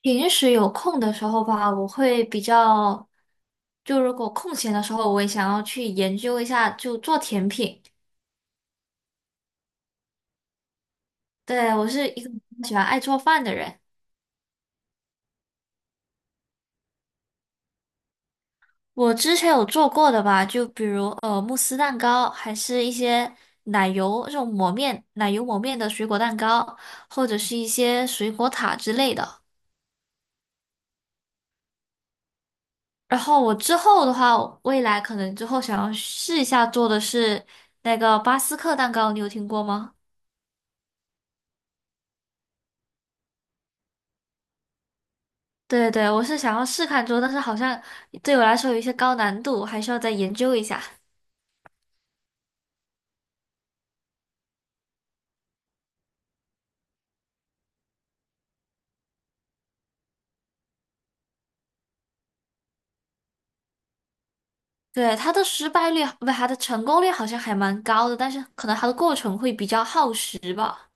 平时有空的时候吧，我会比较，就如果空闲的时候，我也想要去研究一下，就做甜品。对，我是一个喜欢爱做饭的人，我之前有做过的吧，就比如慕斯蛋糕，还是一些奶油这种抹面、奶油抹面的水果蛋糕，或者是一些水果塔之类的。然后我之后的话，未来可能之后想要试一下做的是那个巴斯克蛋糕，你有听过吗？对对，我是想要试看做，但是好像对我来说有一些高难度，还需要再研究一下。对，它的失败率，不，它的成功率好像还蛮高的，但是可能它的过程会比较耗时吧。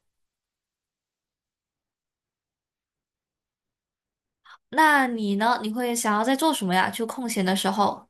那你呢？你会想要在做什么呀？就空闲的时候？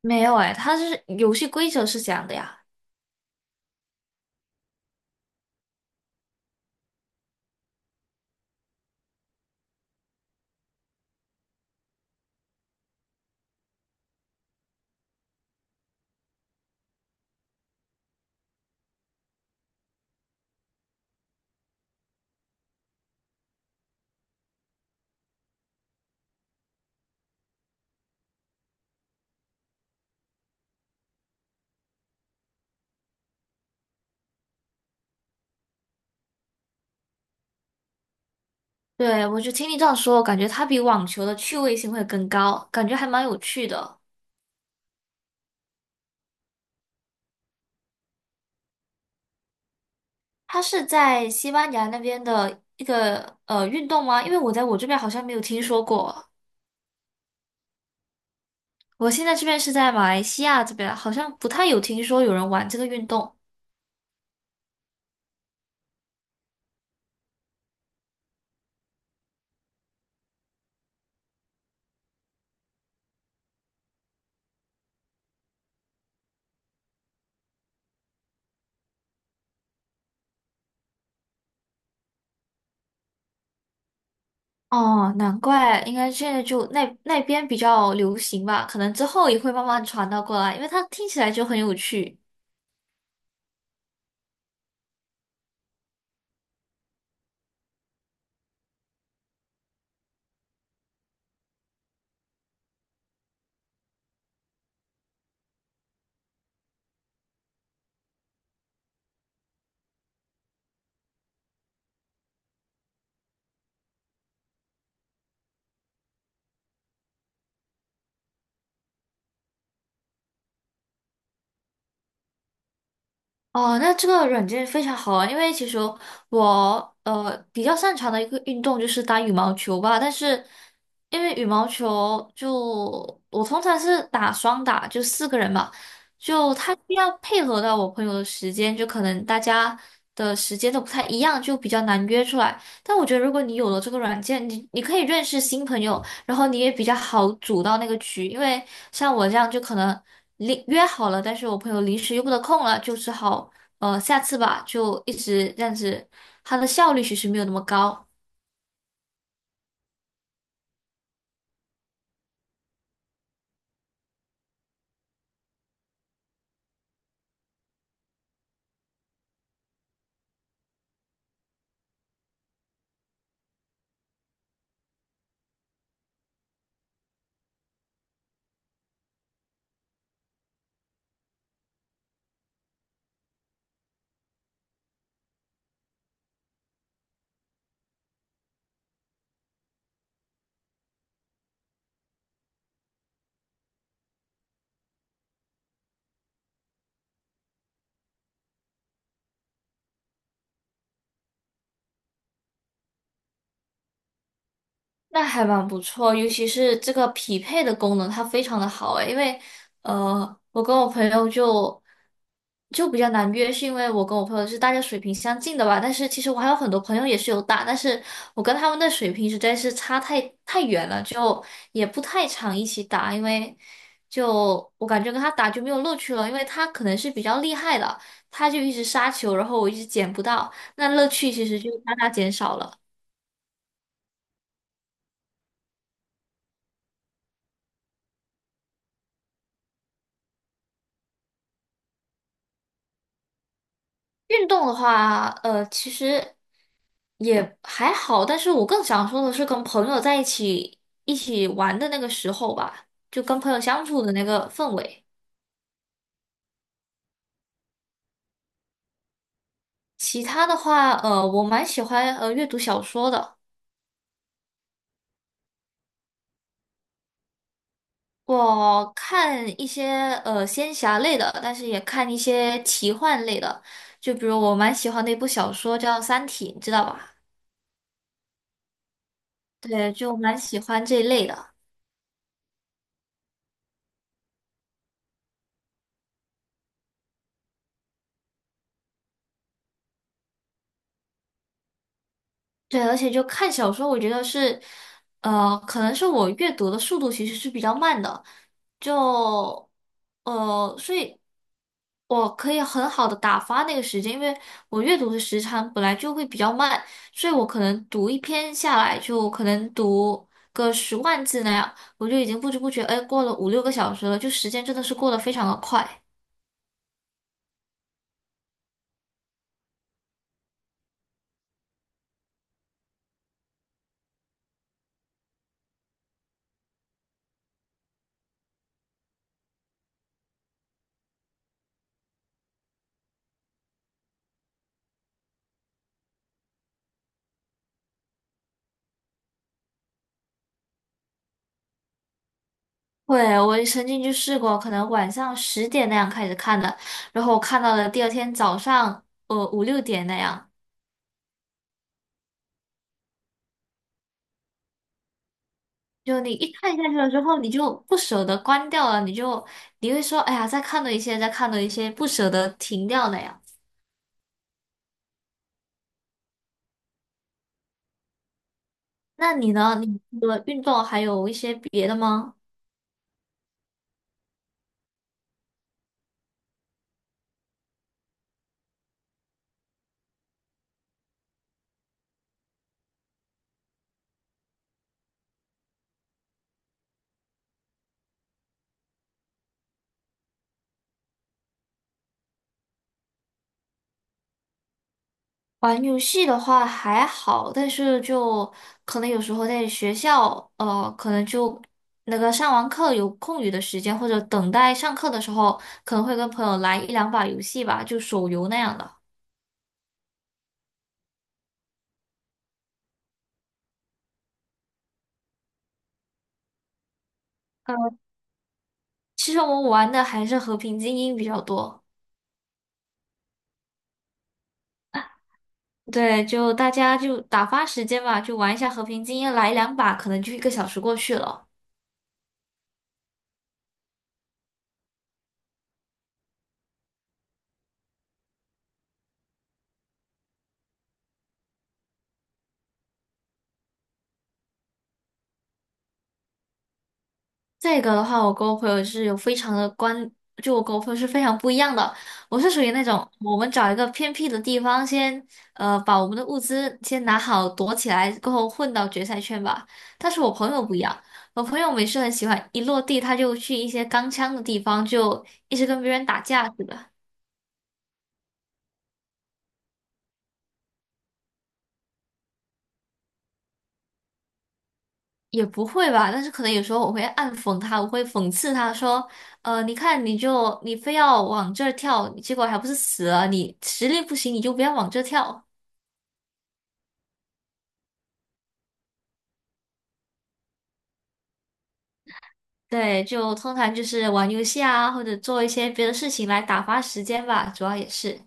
没有哎，它是游戏规则是这样的呀。对，我就听你这样说，我感觉它比网球的趣味性会更高，感觉还蛮有趣的。它是在西班牙那边的一个运动吗？因为我在我这边好像没有听说过。我现在这边是在马来西亚这边，好像不太有听说有人玩这个运动。哦，难怪，应该现在就那边比较流行吧，可能之后也会慢慢传到过来，因为它听起来就很有趣。哦，那这个软件非常好啊，因为其实我比较擅长的一个运动就是打羽毛球吧，但是因为羽毛球就我通常是打双打，就四个人嘛，就他需要配合到我朋友的时间，就可能大家的时间都不太一样，就比较难约出来。但我觉得如果你有了这个软件，你可以认识新朋友，然后你也比较好组到那个局，因为像我这样就可能临约好了，但是我朋友临时又不得空了，就只好下次吧，就一直这样子，它的效率其实没有那么高。那还蛮不错，尤其是这个匹配的功能，它非常的好诶，因为我跟我朋友就比较难约，是因为我跟我朋友是大家水平相近的吧，但是其实我还有很多朋友也是有打，但是我跟他们的水平实在是差太远了，就也不太常一起打，因为就我感觉跟他打就没有乐趣了，因为他可能是比较厉害的，他就一直杀球，然后我一直捡不到，那乐趣其实就大大减少了。运动的话，其实也还好，但是我更想说的是跟朋友在一起玩的那个时候吧，就跟朋友相处的那个氛围。其他的话，我蛮喜欢阅读小说的，我看一些仙侠类的，但是也看一些奇幻类的，就比如我蛮喜欢的一部小说叫《三体》，你知道吧？对，就蛮喜欢这一类的。对，而且就看小说，我觉得是，可能是我阅读的速度其实是比较慢的，就，所以我可以很好的打发那个时间，因为我阅读的时长本来就会比较慢，所以我可能读一篇下来，就可能读个10万字那样，我就已经不知不觉，哎，过了五六个小时了，就时间真的是过得非常的快。会，我曾经就试过，可能晚上10点那样开始看的，然后我看到了第二天早上，五六点那样。就你一看下去了之后，你就不舍得关掉了，你会说，哎呀，再看多一些，再看多一些，不舍得停掉那样。那你呢？你除了运动还有一些别的吗？玩游戏的话还好，但是就可能有时候在学校，可能就那个上完课有空余的时间，或者等待上课的时候，可能会跟朋友来一两把游戏吧，就手游那样的。嗯，其实我们玩的还是和平精英比较多。对，就大家就打发时间吧，就玩一下和平精英，来两把，可能就一个小时过去了。这个的话，我跟我朋友是有非常的关，就我跟我朋友是非常不一样的。我是属于那种，我们找一个偏僻的地方先，把我们的物资先拿好，躲起来，过后混到决赛圈吧。但是我朋友不一样，我朋友每次很喜欢一落地他就去一些钢枪的地方，就一直跟别人打架似的。也不会吧，但是可能有时候我会暗讽他，我会讽刺他说，你看你就你非要往这儿跳，结果还不是死了？你实力不行，你就不要往这儿跳。对，就通常就是玩游戏啊，或者做一些别的事情来打发时间吧，主要也是。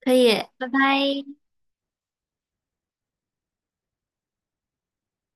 可以，拜拜。